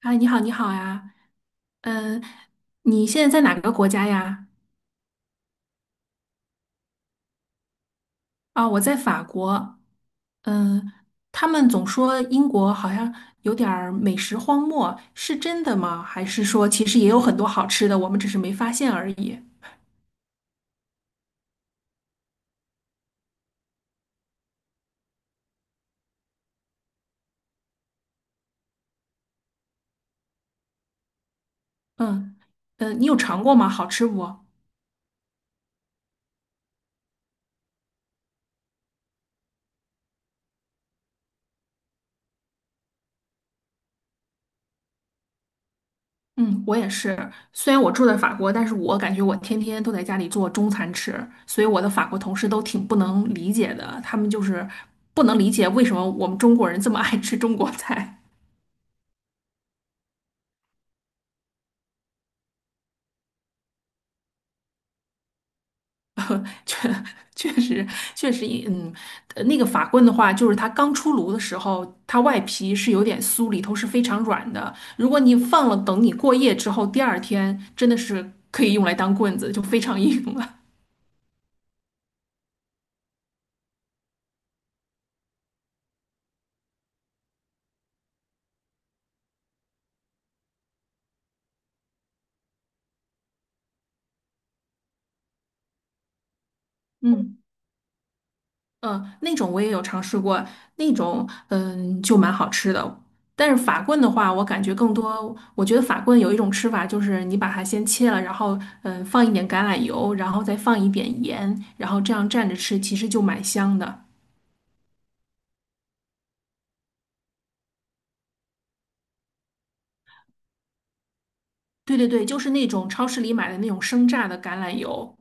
啊，你好，你好呀，嗯，你现在在哪个国家呀？啊，我在法国，嗯，他们总说英国好像有点儿美食荒漠，是真的吗？还是说其实也有很多好吃的，我们只是没发现而已？嗯，你有尝过吗？好吃不？嗯，我也是。虽然我住在法国，但是我感觉我天天都在家里做中餐吃，所以我的法国同事都挺不能理解的。他们就是不能理解为什么我们中国人这么爱吃中国菜。确确实确实，那个法棍的话，就是它刚出炉的时候，它外皮是有点酥，里头是非常软的。如果你放了，等你过夜之后，第二天真的是可以用来当棍子，就非常硬了。嗯。嗯，那种我也有尝试过，那种就蛮好吃的。但是法棍的话，我感觉更多，我觉得法棍有一种吃法，就是你把它先切了，然后放一点橄榄油，然后再放一点盐，然后这样蘸着吃，其实就蛮香的。对对对，就是那种超市里买的那种生榨的橄榄油。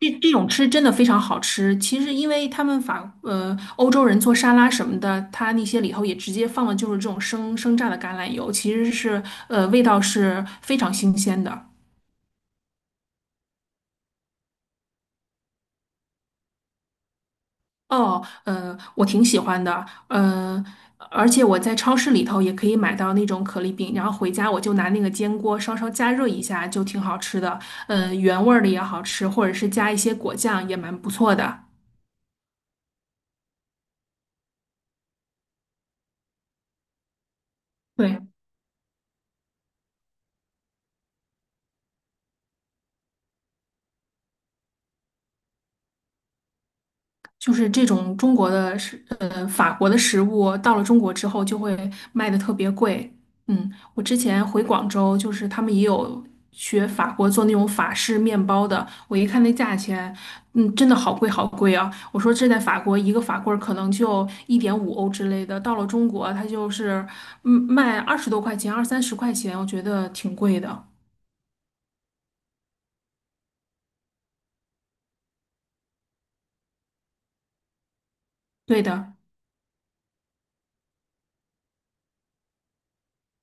这种吃真的非常好吃。其实，因为他们欧洲人做沙拉什么的，他那些里头也直接放了就是这种生榨的橄榄油，其实是味道是非常新鲜的。哦，我挺喜欢的，呃，而且我在超市里头也可以买到那种可丽饼，然后回家我就拿那个煎锅稍稍加热一下，就挺好吃的。原味儿的也好吃，或者是加一些果酱也蛮不错的。对。就是这种中国的法国的食物到了中国之后就会卖的特别贵。我之前回广州，就是他们也有学法国做那种法式面包的，我一看那价钱，真的好贵好贵啊！我说这在法国一个法棍儿可能就1.5欧之类的，到了中国它就是卖20多块钱，2、30块钱，我觉得挺贵的。对的，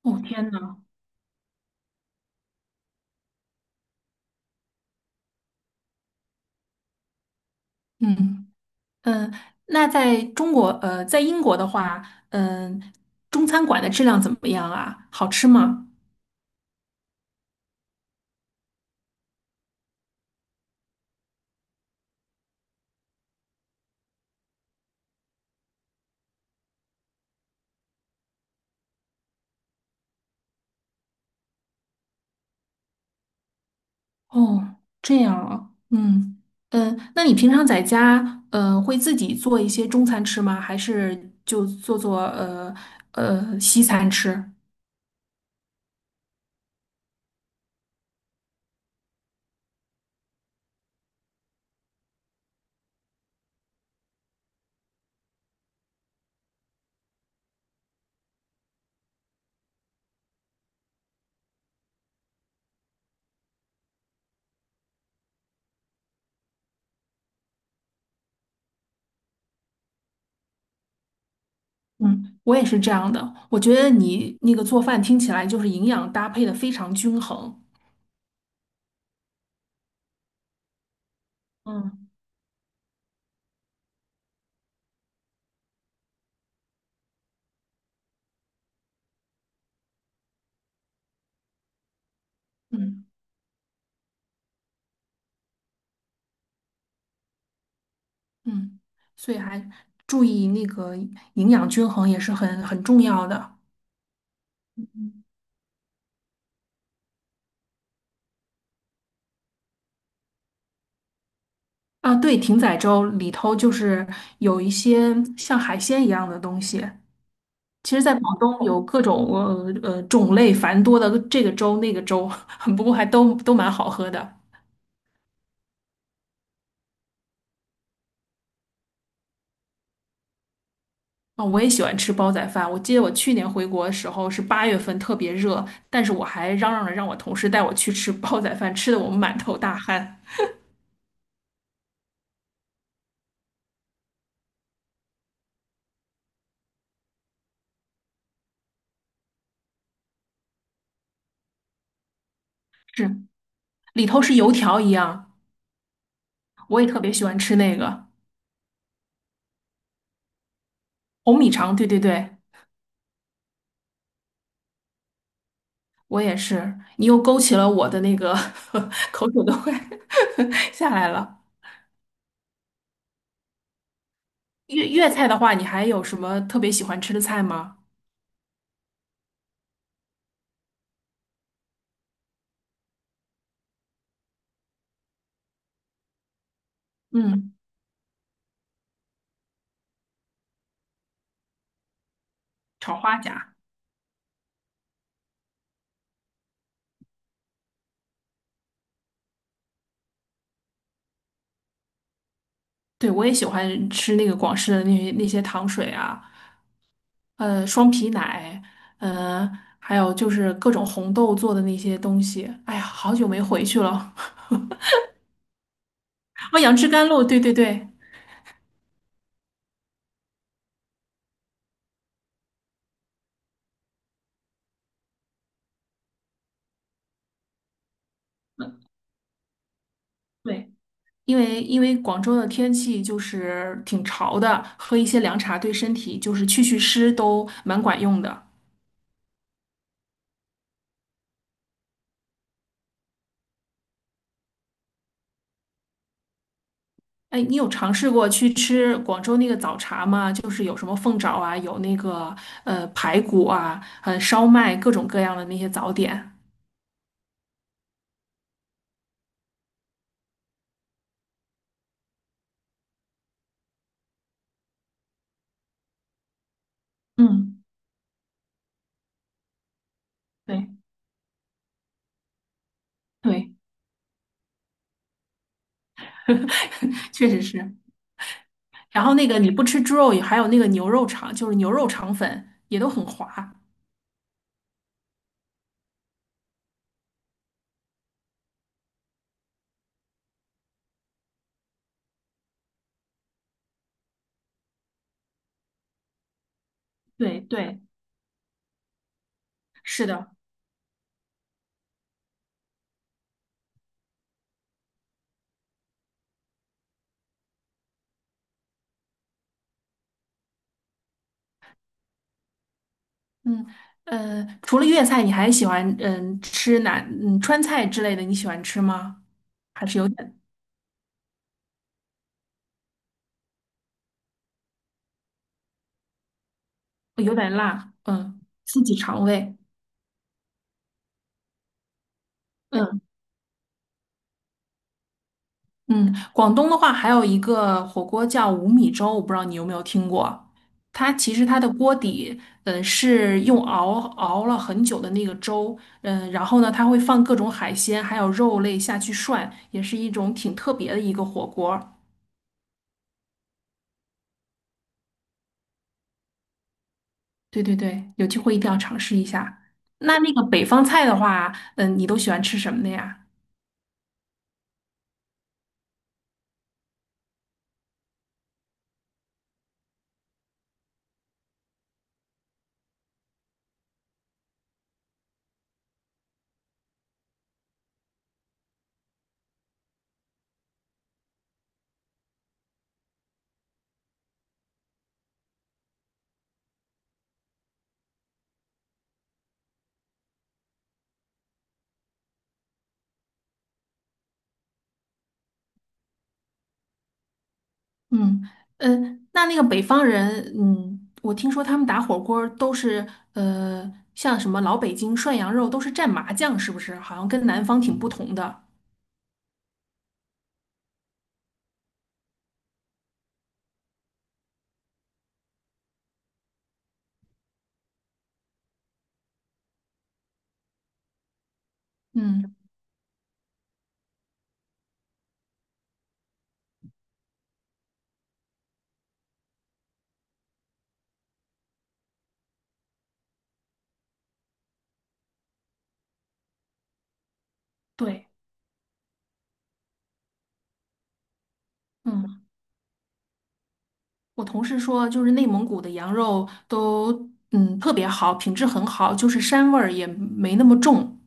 哦天呐，嗯。嗯，那在中国，在英国的话，嗯，中餐馆的质量怎么样啊？好吃吗？哦，这样啊，嗯嗯，那你平常在家，会自己做一些中餐吃吗？还是就做做西餐吃？嗯，我也是这样的。我觉得你那个做饭听起来就是营养搭配的非常均衡。嗯嗯嗯，所以还注意那个营养均衡也是很重要的。啊，对，艇仔粥里头就是有一些像海鲜一样的东西。其实，在广东有各种种类繁多的这个粥那个粥，不过还都蛮好喝的。啊、我也喜欢吃煲仔饭。我记得我去年回国的时候是8月份，特别热，但是我还嚷嚷着让我同事带我去吃煲仔饭，吃的我们满头大汗。是，里头是油条一样，我也特别喜欢吃那个红米肠。对对对。我也是，你又勾起了我的那个 口水都快 下来了。粤菜的话，你还有什么特别喜欢吃的菜吗？嗯，炒花甲，对，我也喜欢吃那个广式的那些糖水啊，双皮奶，呃，还有就是各种红豆做的那些东西。哎呀，好久没回去了，哦，杨枝甘露，对对对。对。因为广州的天气就是挺潮的，喝一些凉茶对身体就是去湿都蛮管用的。哎，你有尝试过去吃广州那个早茶吗？就是有什么凤爪啊，有那个排骨啊，烧麦，各种各样的那些早点。嗯，对对，确实是。然后那个你不吃猪肉，也还有那个牛肉肠，就是牛肉肠粉也都很滑。对对，是的。嗯，除了粤菜，你还喜欢吃川菜之类的？你喜欢吃吗？还是有点辣，刺激肠胃。嗯嗯，广东的话还有一个火锅叫五米粥，我不知道你有没有听过。它其实它的锅底，是用熬了很久的那个粥，然后呢，它会放各种海鲜还有肉类下去涮，也是一种挺特别的一个火锅。对对对，有机会一定要尝试一下。那那个北方菜的话，你都喜欢吃什么的呀？嗯嗯，那那个北方人，我听说他们打火锅儿都是，像什么老北京涮羊肉都是蘸麻酱，是不是？好像跟南方挺不同的。嗯，对，嗯，我同事说，就是内蒙古的羊肉都，特别好，品质很好，就是膻味儿也没那么重，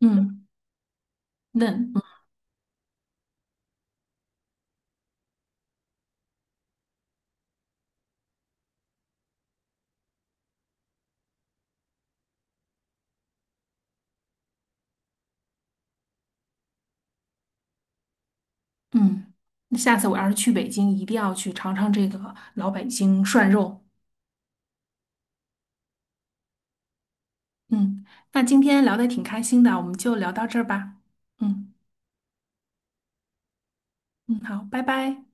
嗯，嫩。嗯，那下次我要是去北京，一定要去尝尝这个老北京涮肉。嗯，那今天聊的挺开心的，我们就聊到这儿吧。嗯嗯，好，拜拜。